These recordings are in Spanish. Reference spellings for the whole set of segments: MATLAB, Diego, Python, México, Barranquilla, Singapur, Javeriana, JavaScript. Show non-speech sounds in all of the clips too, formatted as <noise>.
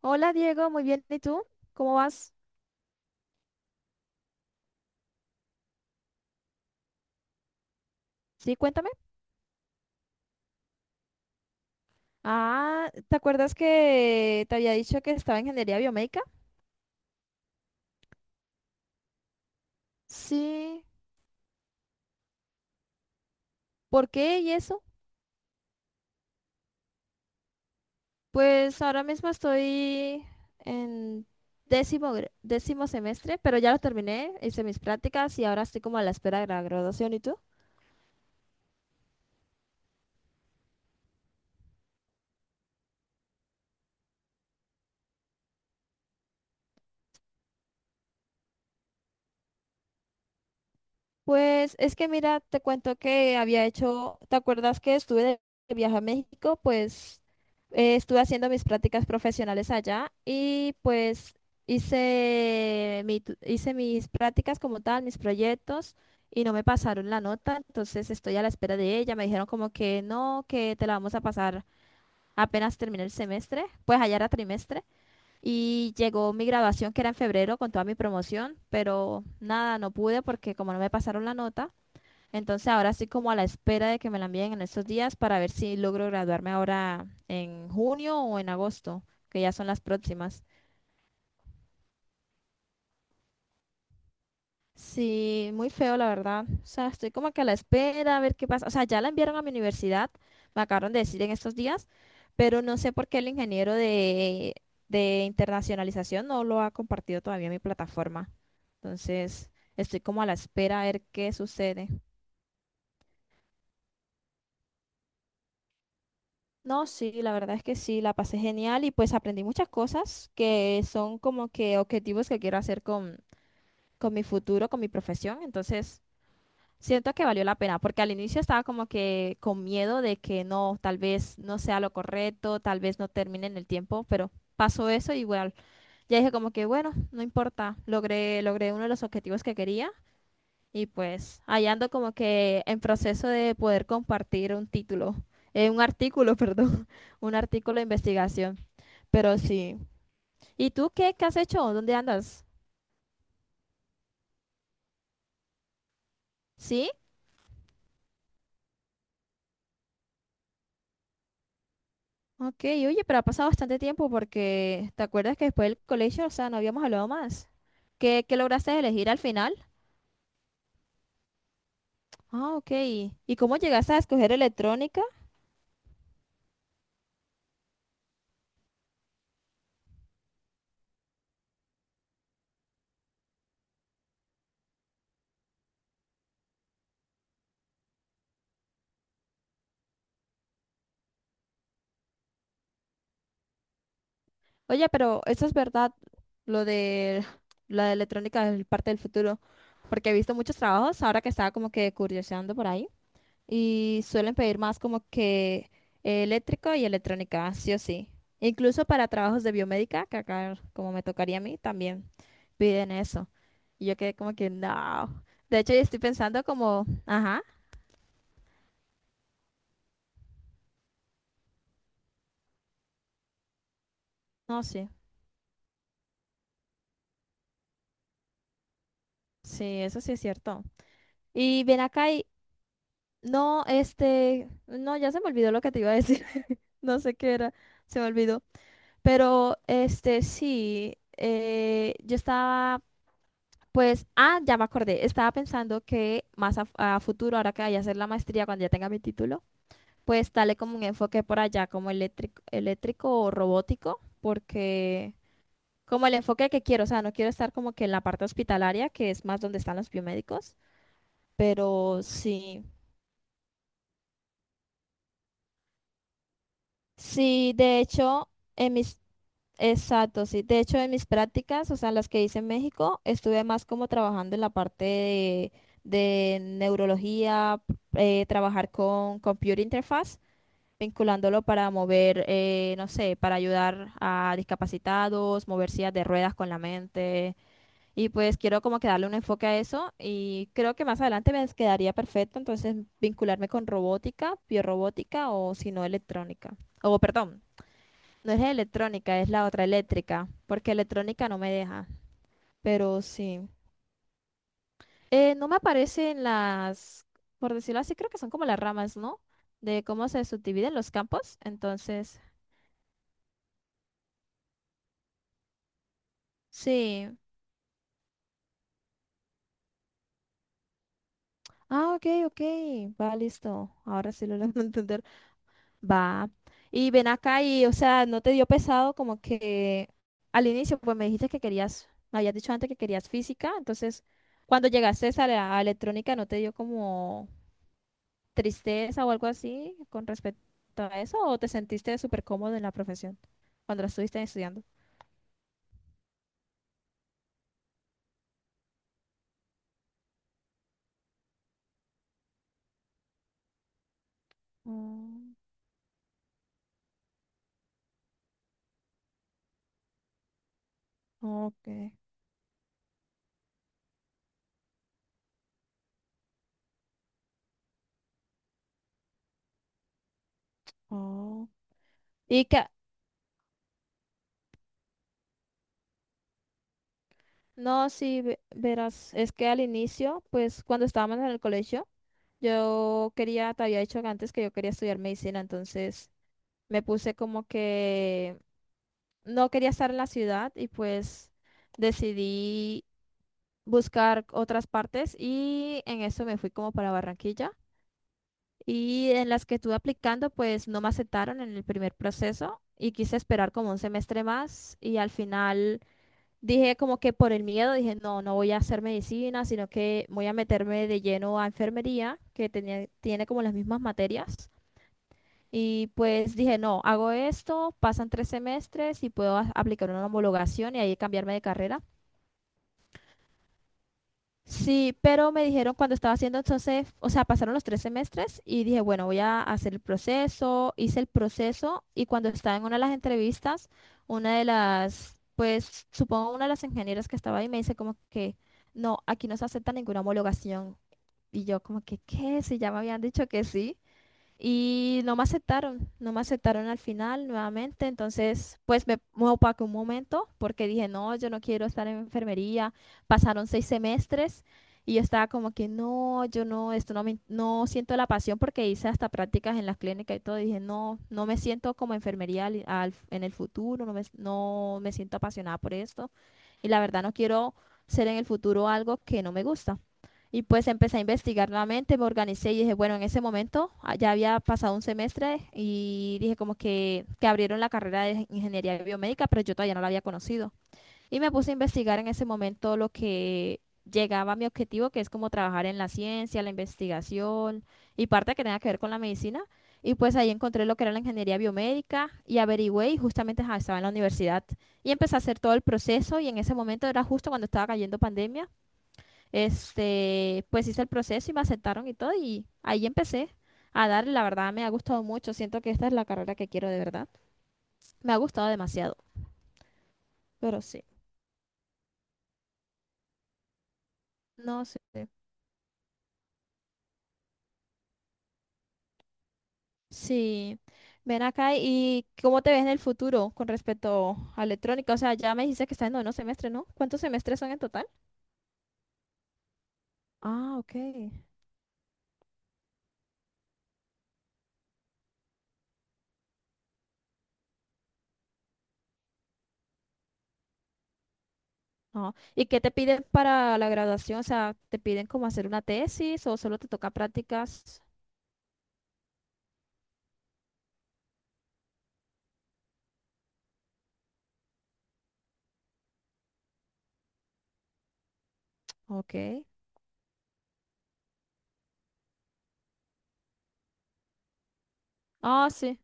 Hola Diego, muy bien. ¿Y tú? ¿Cómo vas? Sí, cuéntame. Ah, ¿te acuerdas que te había dicho que estaba en ingeniería biomédica? Sí. ¿Por qué y eso? Pues ahora mismo estoy en décimo, décimo semestre, pero ya lo terminé, hice mis prácticas y ahora estoy como a la espera de la graduación. ¿Y tú? Pues es que mira, te cuento que había hecho, ¿te acuerdas que estuve de viaje a México? Pues estuve haciendo mis prácticas profesionales allá y pues hice mis prácticas como tal, mis proyectos y no me pasaron la nota, entonces estoy a la espera de ella. Me dijeron como que no, que te la vamos a pasar apenas termine el semestre, pues allá era trimestre. Y llegó mi graduación que era en febrero con toda mi promoción, pero nada, no pude porque como no me pasaron la nota. Entonces ahora estoy como a la espera de que me la envíen en estos días para ver si logro graduarme ahora en junio o en agosto, que ya son las próximas. Sí, muy feo la verdad. O sea, estoy como que a la espera a ver qué pasa. O sea, ya la enviaron a mi universidad, me acabaron de decir en estos días, pero no sé por qué el ingeniero de internacionalización no lo ha compartido todavía en mi plataforma. Entonces, estoy como a la espera a ver qué sucede. No, sí, la verdad es que sí, la pasé genial y pues aprendí muchas cosas que son como que objetivos que quiero hacer con mi futuro, con mi profesión. Entonces, siento que valió la pena, porque al inicio estaba como que con miedo de que no, tal vez no sea lo correcto, tal vez no termine en el tiempo, pero pasó eso y bueno, ya dije como que bueno, no importa, logré uno de los objetivos que quería. Y pues, allá ando como que en proceso de poder compartir un título, un artículo, <laughs> perdón, un artículo de investigación. Pero sí. ¿Y tú qué, qué has hecho? ¿Dónde andas? Sí, ok, oye, pero ha pasado bastante tiempo porque ¿te acuerdas que después del colegio, o sea, no habíamos hablado más? ¿Qué, qué lograste elegir al final? Ah, ok. ¿Y cómo llegaste a escoger electrónica? Oye, pero eso es verdad, lo de la electrónica es parte del futuro, porque he visto muchos trabajos ahora que estaba como que curioseando por ahí y suelen pedir más como que eléctrico y electrónica, sí o sí. Incluso para trabajos de biomédica, que acá como me tocaría a mí, también piden eso. Y yo quedé como que, no. De hecho, yo estoy pensando como, ajá, no, sí, sí, eso sí es cierto. Y ven acá y, no, este, no, ya se me olvidó lo que te iba a decir. No sé qué era, se me olvidó. Pero este sí, yo estaba, pues, ah, ya me acordé, estaba pensando que más a futuro, ahora que vaya a hacer la maestría, cuando ya tenga mi título, pues dale como un enfoque por allá, como eléctrico, eléctrico o robótico, porque como el enfoque que quiero, o sea, no quiero estar como que en la parte hospitalaria, que es más donde están los biomédicos, pero sí, sí, de hecho, en mis Exacto, sí. De hecho, en mis prácticas, o sea, las que hice en México, estuve más como trabajando en la parte de neurología, trabajar con computer interface, vinculándolo para mover, no sé, para ayudar a discapacitados, mover sillas de ruedas con la mente. Y pues quiero como que darle un enfoque a eso y creo que más adelante me quedaría perfecto, entonces vincularme con robótica, biorrobótica o si no electrónica, o perdón, no es electrónica, es la otra eléctrica, porque electrónica no me deja, pero sí. No me aparecen las, por decirlo así, creo que son como las ramas, ¿no? De cómo se subdividen los campos, entonces, sí. Ah, ok, ok, va, listo. Ahora sí lo logro <laughs> entender. Va. Y ven acá y, o sea, ¿no te dio pesado como que al inicio, pues me dijiste que querías, me habías dicho antes que querías física, entonces, cuando llegaste a la a electrónica, ¿no te dio como tristeza o algo así con respecto a eso o te sentiste súper cómodo en la profesión cuando la estuviste estudiando? Mm, ok. Oh. Y que, no, sí, verás, es que al inicio, pues cuando estábamos en el colegio, yo quería, te había dicho que antes que yo quería estudiar medicina, entonces me puse como que no quería estar en la ciudad y pues decidí buscar otras partes y en eso me fui como para Barranquilla. Y en las que estuve aplicando, pues no me aceptaron en el primer proceso y quise esperar como un semestre más y al final dije como que por el miedo dije, no, no voy a hacer medicina, sino que voy a meterme de lleno a enfermería, que tenía, tiene como las mismas materias. Y pues dije, no, hago esto, pasan 3 semestres y puedo aplicar una homologación y ahí cambiarme de carrera. Sí, pero me dijeron cuando estaba haciendo entonces, o sea, pasaron los 3 semestres y dije, bueno, voy a hacer el proceso, hice el proceso y cuando estaba en una de las entrevistas, una de las, pues supongo una de las ingenieras que estaba ahí me dice como que, no, aquí no se acepta ninguna homologación. Y yo como que, ¿qué? Si ya me habían dicho que sí. Y no me aceptaron, no me aceptaron al final nuevamente, entonces pues me opaqué un momento porque dije, no, yo no quiero estar en enfermería. Pasaron 6 semestres y yo estaba como que, no, yo no, esto no me, no siento la pasión porque hice hasta prácticas en la clínica y todo. Y dije, no, no me siento como enfermería en el futuro, no me siento apasionada por esto y la verdad no quiero ser en el futuro algo que no me gusta. Y pues empecé a investigar nuevamente, me organicé y dije, bueno, en ese momento ah, ya había pasado un semestre y dije como que abrieron la carrera de ingeniería biomédica, pero yo todavía no la había conocido. Y me puse a investigar en ese momento lo que llegaba a mi objetivo, que es como trabajar en la ciencia, la investigación y parte que tenga que ver con la medicina. Y pues ahí encontré lo que era la ingeniería biomédica y averigüé y justamente ajá, estaba en la universidad. Y empecé a hacer todo el proceso y en ese momento era justo cuando estaba cayendo pandemia. Este, pues hice el proceso y me aceptaron y todo y ahí empecé a darle, la verdad me ha gustado mucho, siento que esta es la carrera que quiero de verdad. Me ha gustado demasiado, pero sí, no sé. Sí, ven acá y ¿cómo te ves en el futuro con respecto a electrónica? O sea, ya me dices que estás en noveno semestre, ¿no? ¿Cuántos semestres son en total? Ah, ok. Ah, ¿y qué te piden para la graduación? O sea, ¿te piden como hacer una tesis o solo te toca prácticas? Ok. Ah, sí,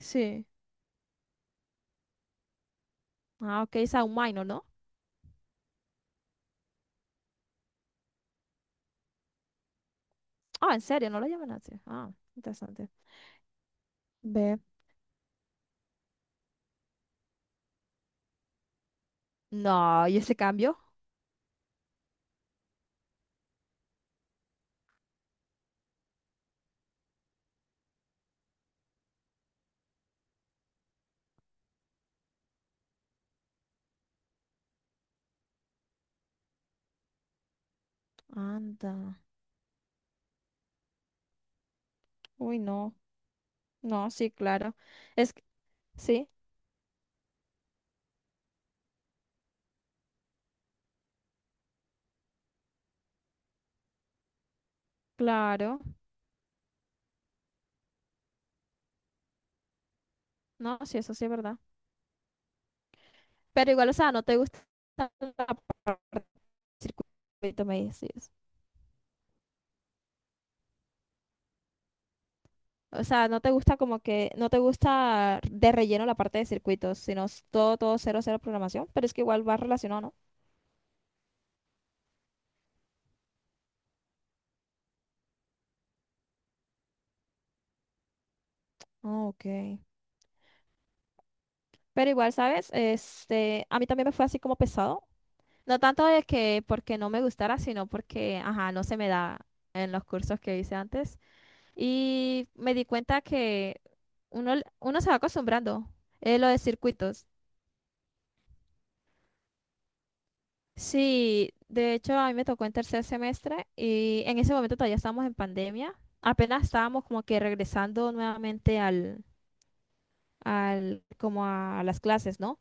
sí. Ah, ok, Sound Minor, ¿no? Ah, en serio, no lo llaman así. Ah, interesante. Ve. No, ¿y ese cambio? Anda. Uy, no. No, sí, claro. Es que, sí, claro. No, sí, eso sí es verdad. Pero igual, o sea, no te gusta la parte del circuito, me dices. O sea, no te gusta como que, no te gusta de relleno la parte de circuitos, sino es todo, todo cero, cero programación, pero es que igual va relacionado, ¿no? Ah, ok. Pero igual, ¿sabes? Este, a mí también me fue así como pesado, no tanto de que porque no me gustara, sino porque, ajá, no se me da en los cursos que hice antes. Y me di cuenta que uno, uno se va acostumbrando, lo de circuitos. Sí, de hecho a mí me tocó en tercer semestre y en ese momento todavía estábamos en pandemia. Apenas estábamos como que regresando nuevamente al, como a las clases, ¿no?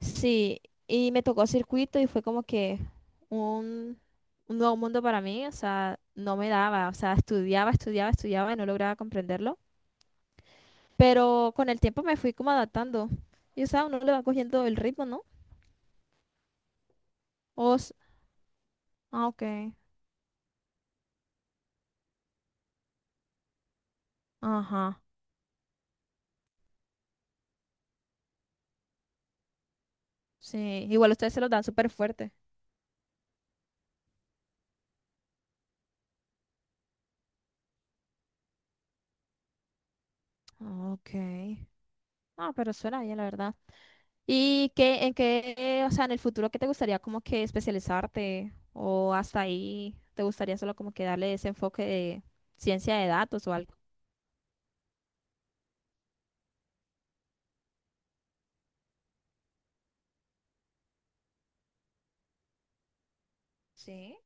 Sí, y me tocó circuito y fue como que un, un nuevo mundo para mí, o sea, no me daba, o sea, estudiaba, estudiaba, estudiaba y no lograba comprenderlo, pero con el tiempo me fui como adaptando y, o sea, uno le va cogiendo el ritmo, ¿no? O, s- ah, ok, ajá, sí, igual ustedes se los dan súper fuerte. Ah, ok, ah, pero suena bien, la verdad. ¿Y qué, en qué, o sea, en el futuro, qué te gustaría como que especializarte? ¿O hasta ahí te gustaría solo como que darle ese enfoque de ciencia de datos o algo? Sí,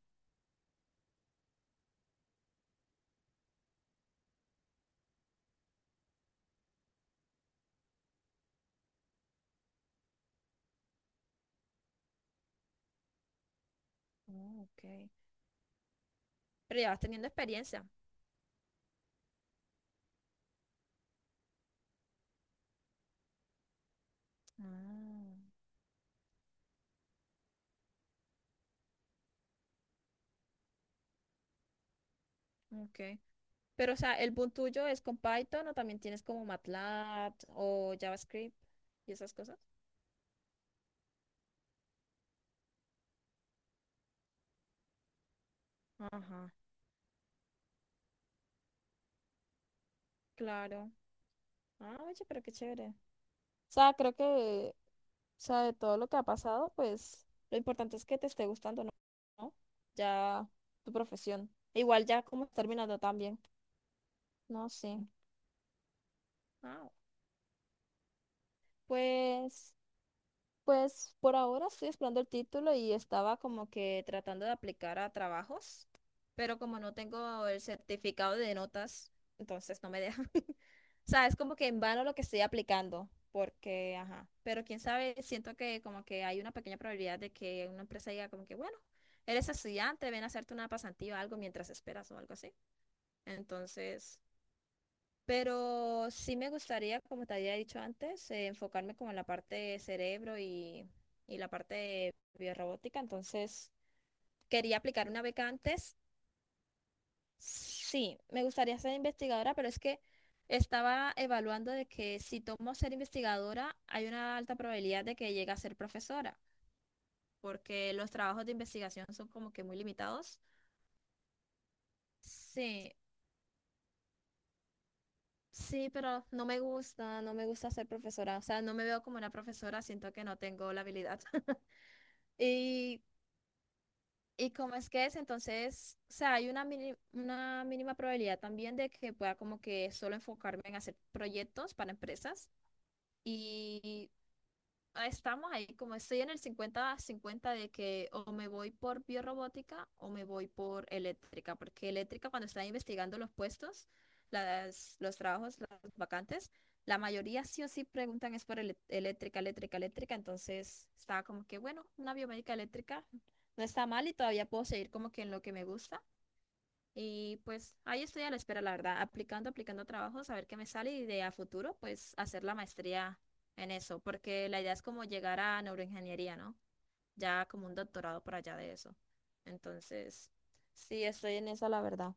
oh, ok. Pero ya vas teniendo experiencia. Ah, ok. Pero, o sea, el boom tuyo es con Python o también tienes como MATLAB o JavaScript y esas cosas. Ajá, claro. Ah, oye, pero qué chévere. O sea, creo que, o sea, de todo lo que ha pasado, pues lo importante es que te esté gustando, ¿no? ¿No? Ya tu profesión. Igual ya como terminando también. No sé. Ah, pues. Pues por ahora estoy esperando el título y estaba como que tratando de aplicar a trabajos, pero como no tengo el certificado de notas, entonces no me dejan. <laughs> O sea, es como que en vano lo que estoy aplicando, porque, ajá, pero quién sabe, siento que como que hay una pequeña probabilidad de que una empresa diga como que, bueno, eres estudiante, ven a hacerte una pasantía o algo mientras esperas o algo así. Entonces... Pero sí me gustaría, como te había dicho antes, enfocarme como en la parte de cerebro y la parte de biorrobótica. Entonces, quería aplicar una beca antes. Sí, me gustaría ser investigadora, pero es que estaba evaluando de que si tomo ser investigadora, hay una alta probabilidad de que llegue a ser profesora, porque los trabajos de investigación son como que muy limitados. Sí, sí, pero no me gusta, no me gusta ser profesora. O sea, no me veo como una profesora, siento que no tengo la habilidad. <laughs> Y, y como es que es, entonces, o sea, hay una, una mínima probabilidad también de que pueda como que solo enfocarme en hacer proyectos para empresas. Y ah, estamos ahí, como estoy en el 50-50 de que o me voy por biorrobótica o me voy por eléctrica, porque eléctrica cuando estaba investigando los puestos, las, los trabajos, las vacantes, la mayoría sí o sí preguntan es por eléctrica, eléctrica, eléctrica, entonces estaba como que, bueno, una biomédica eléctrica no está mal y todavía puedo seguir como que en lo que me gusta. Y pues ahí estoy a la espera, la verdad, aplicando, aplicando trabajos, a ver qué me sale y de a futuro, pues hacer la maestría en eso, porque la idea es como llegar a neuroingeniería, ¿no? Ya como un doctorado por allá de eso. Entonces, sí, estoy en eso la verdad.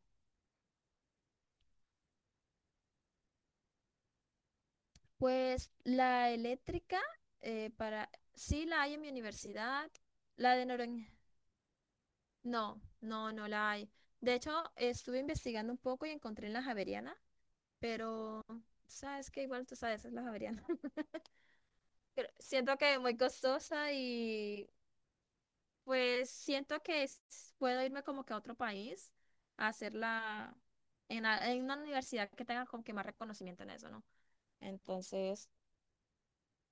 Pues la eléctrica, para, sí la hay en mi universidad, la de neuroingeniería, no, no, no la hay. De hecho, estuve investigando un poco y encontré en la Javeriana, pero sabes que igual tú sabes, es la Javeriana. Siento que es muy costosa y pues siento que puedo irme como que a otro país a hacerla en, en una universidad que tenga como que más reconocimiento en eso, ¿no? Entonces,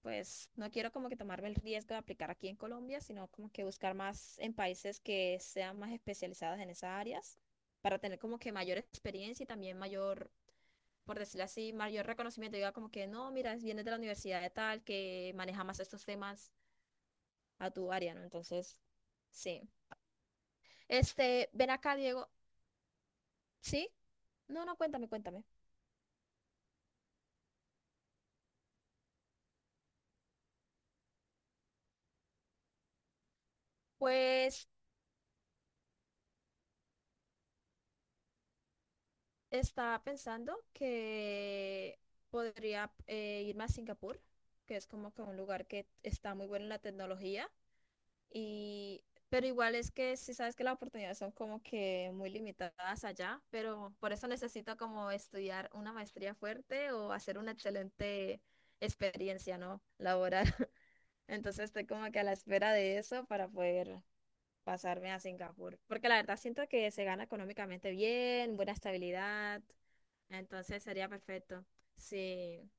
pues no quiero como que tomarme el riesgo de aplicar aquí en Colombia, sino como que buscar más en países que sean más especializados en esas áreas para tener como que mayor experiencia y también mayor, por decirlo así, mayor reconocimiento. Diga como que no, mira, vienes de la universidad de tal, que maneja más estos temas a tu área, ¿no? Entonces, sí. Este, ven acá, Diego. ¿Sí? No, no, cuéntame, cuéntame. Pues estaba pensando que podría irme a Singapur, que es como que un lugar que está muy bueno en la tecnología. Y, pero igual es que sí sabes que las oportunidades son como que muy limitadas allá, pero por eso necesito como estudiar una maestría fuerte o hacer una excelente experiencia, ¿no? Laboral. Entonces estoy como que a la espera de eso para poder pasarme a Singapur. Porque la verdad siento que se gana económicamente bien, buena estabilidad. Entonces sería perfecto. Sí.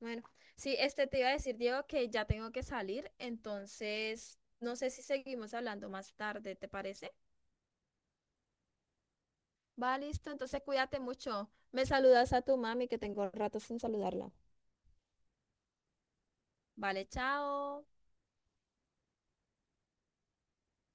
Bueno, sí, este te iba a decir, Diego, que ya tengo que salir. Entonces, no sé si seguimos hablando más tarde, ¿te parece? Va, listo. Entonces, cuídate mucho. Me saludas a tu mami, que tengo rato sin saludarla. Vale, chao.